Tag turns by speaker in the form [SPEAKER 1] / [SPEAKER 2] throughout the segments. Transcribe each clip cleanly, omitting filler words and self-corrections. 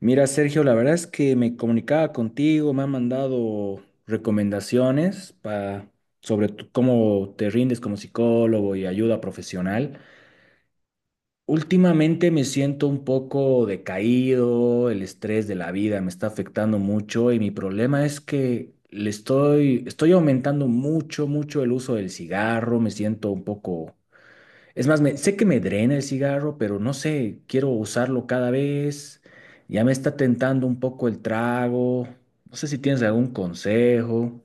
[SPEAKER 1] Mira, Sergio, la verdad es que me comunicaba contigo, me han mandado recomendaciones pa- sobre tu- cómo te rindes como psicólogo y ayuda profesional. Últimamente me siento un poco decaído, el estrés de la vida me está afectando mucho y mi problema es que le estoy aumentando mucho el uso del cigarro, me siento un poco es más, me- sé que me drena el cigarro, pero no sé, quiero usarlo cada vez. Ya me está tentando un poco el trago. No sé si tienes algún consejo.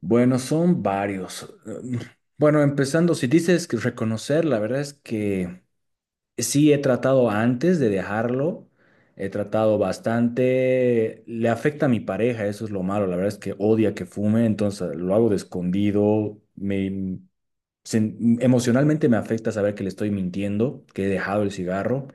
[SPEAKER 1] Bueno, son varios. Mm, bueno, empezando, si dices que reconocer, la verdad es que sí he tratado antes de dejarlo. He tratado bastante. Le afecta a mi pareja, eso es lo malo. La verdad es que odia que fume, entonces lo hago de escondido. Me, sen- emocionalmente me afecta saber que le estoy mintiendo, que he dejado el cigarro,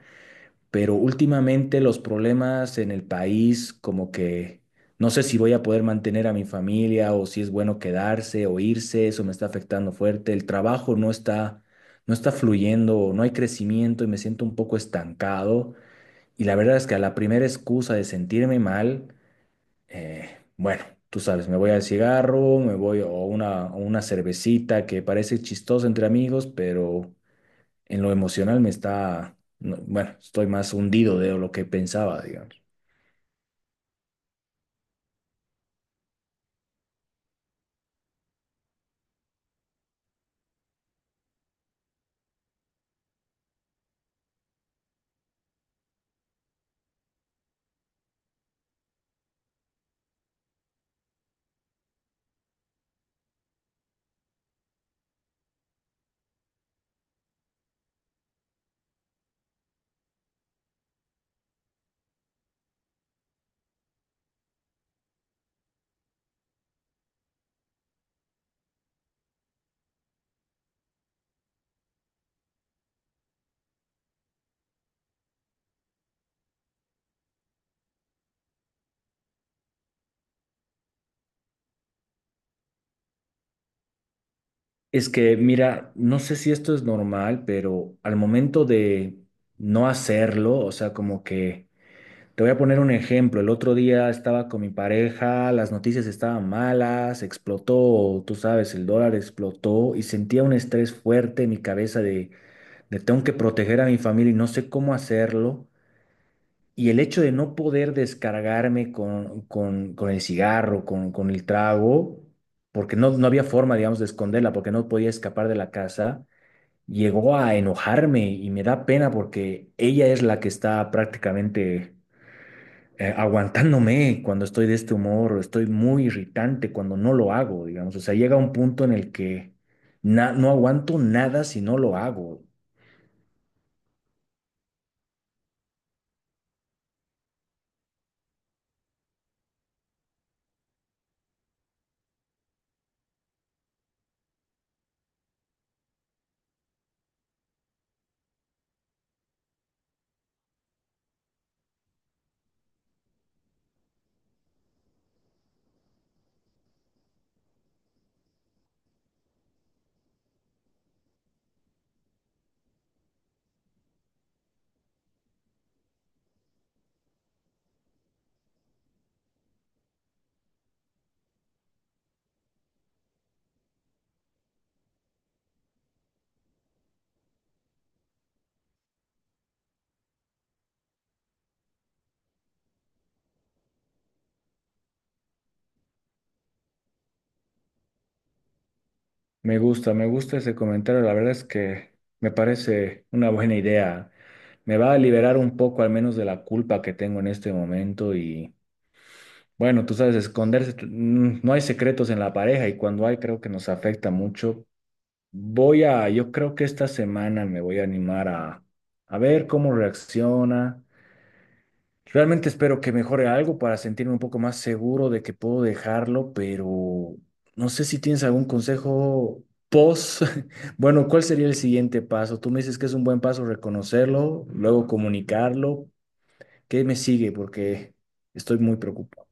[SPEAKER 1] pero últimamente los problemas en el país, como que no sé si voy a poder mantener a mi familia o si es bueno quedarse o irse, eso me está afectando fuerte. El trabajo no está, no está fluyendo, no hay crecimiento y me siento un poco estancado. Y la verdad es que a la primera excusa de sentirme mal, bueno, tú sabes, me voy al cigarro, me voy a una, o una cervecita que parece chistosa entre amigos, pero en lo emocional me está, no, bueno, estoy más hundido de lo que pensaba, digamos. Es que, mira, no sé si esto es normal, pero al momento de no hacerlo, o sea, como que, te voy a poner un ejemplo, el otro día estaba con mi pareja, las noticias estaban malas, explotó, tú sabes, el dólar explotó y sentía un estrés fuerte en mi cabeza de tengo que proteger a mi familia y no sé cómo hacerlo. Y el hecho de no poder descargarme con el cigarro, con el trago, porque no había forma, digamos, de esconderla, porque no podía escapar de la casa, llegó a enojarme y me da pena porque ella es la que está prácticamente aguantándome cuando estoy de este humor, estoy muy irritante cuando no lo hago, digamos. O sea, llega un punto en el que na- no aguanto nada si no lo hago. Me gusta ese comentario. La verdad es que me parece una buena idea. Me va a liberar un poco al menos de la culpa que tengo en este momento y bueno, tú sabes, esconderse, t- no hay secretos en la pareja y cuando hay creo que nos afecta mucho. Voy a, yo creo que esta semana me voy a animar a ver cómo reacciona. Realmente espero que mejore algo para sentirme un poco más seguro de que puedo dejarlo, pero no sé si tienes algún consejo post. Bueno, ¿cuál sería el siguiente paso? Tú me dices que es un buen paso reconocerlo, luego comunicarlo. ¿Qué me sigue? Porque estoy muy preocupado.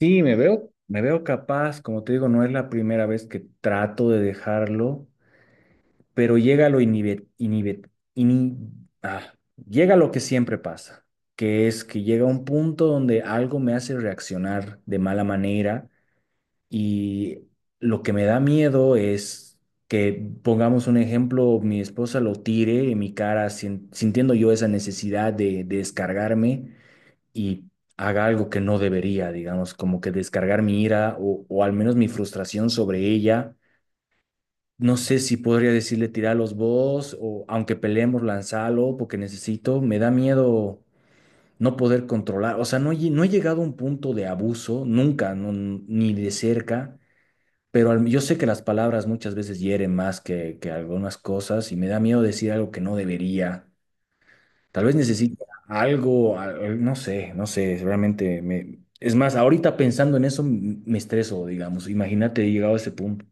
[SPEAKER 1] Sí, me veo capaz. Como te digo, no es la primera vez que trato de dejarlo. Pero llega lo inhibe- inhibe- ini- ah, llega lo que siempre pasa, que es que llega un punto donde algo me hace reaccionar de mala manera y lo que me da miedo es que, pongamos un ejemplo, mi esposa lo tire en mi cara sin- sintiendo yo esa necesidad de descargarme y haga algo que no debería, digamos, como que descargar mi ira o al menos mi frustración sobre ella. No sé si podría decirle: tiralos vos, o aunque peleemos, lanzalo porque necesito. Me da miedo no poder controlar. O sea, no, he lle- no he llegado a un punto de abuso, nunca, no- ni de cerca. Pero al- yo sé que las palabras muchas veces hieren más que algunas cosas y me da miedo decir algo que no debería. Tal vez necesito algo, al- no sé, no sé, realmente me... Es más, ahorita pensando en eso m- me estreso, digamos. Imagínate, he llegado a ese punto.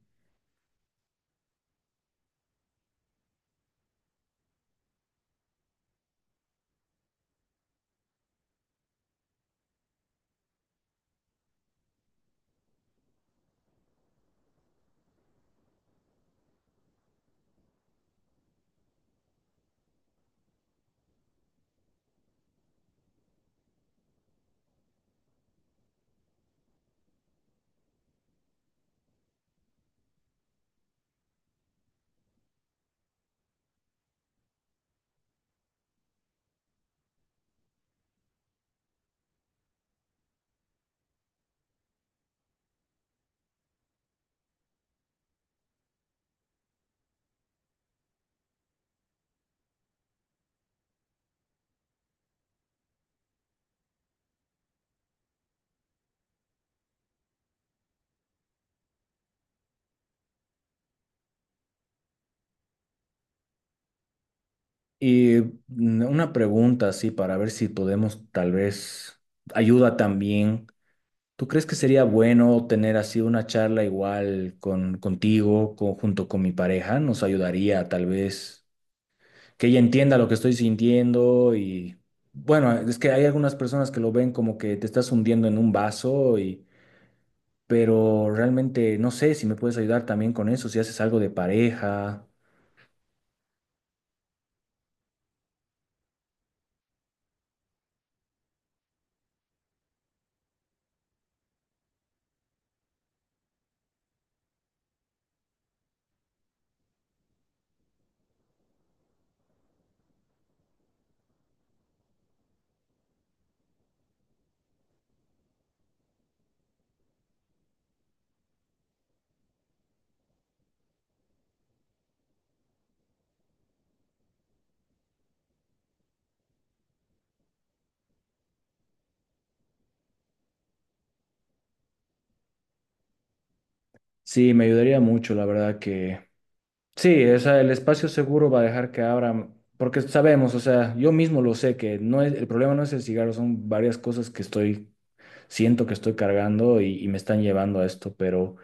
[SPEAKER 1] Y una pregunta así para ver si podemos tal vez ayuda también. ¿Tú crees que sería bueno tener así una charla igual con contigo, con- junto con mi pareja? Nos ayudaría tal vez que ella entienda lo que estoy sintiendo y bueno, es que hay algunas personas que lo ven como que te estás hundiendo en un vaso y pero realmente no sé si me puedes ayudar también con eso, si haces algo de pareja. Sí, me ayudaría mucho, la verdad que sí. O sea, el espacio seguro va a dejar que abran, porque sabemos, o sea, yo mismo lo sé que no es, el problema no es el cigarro, son varias cosas que estoy, siento que estoy cargando y me están llevando a esto, pero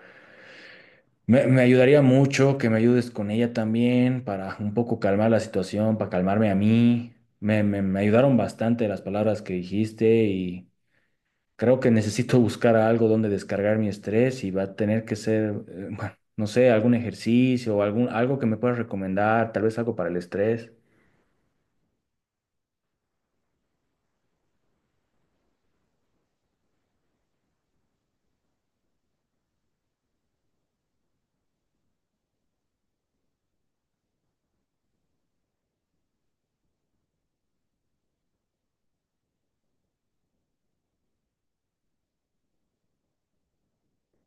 [SPEAKER 1] me ayudaría mucho que me ayudes con ella también para un poco calmar la situación, para calmarme a mí. Me ayudaron bastante las palabras que dijiste. Creo que necesito buscar algo donde descargar mi estrés y va a tener que ser, bueno, no sé, algún ejercicio o algún, algo que me puedas recomendar, tal vez algo para el estrés.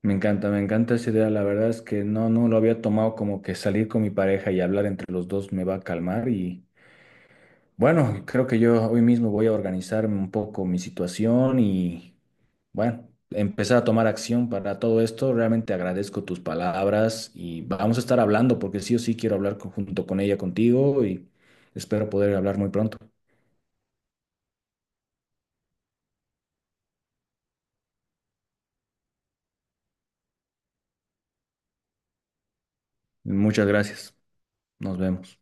[SPEAKER 1] Me encanta esa idea. La verdad es que no, no lo había tomado como que salir con mi pareja y hablar entre los dos me va a calmar. Bueno, creo que yo hoy mismo voy a organizarme un poco mi situación y, bueno, empezar a tomar acción para todo esto. Realmente agradezco tus palabras y vamos a estar hablando porque sí o sí quiero hablar con- junto con ella contigo y espero poder hablar muy pronto. Muchas gracias. Nos vemos.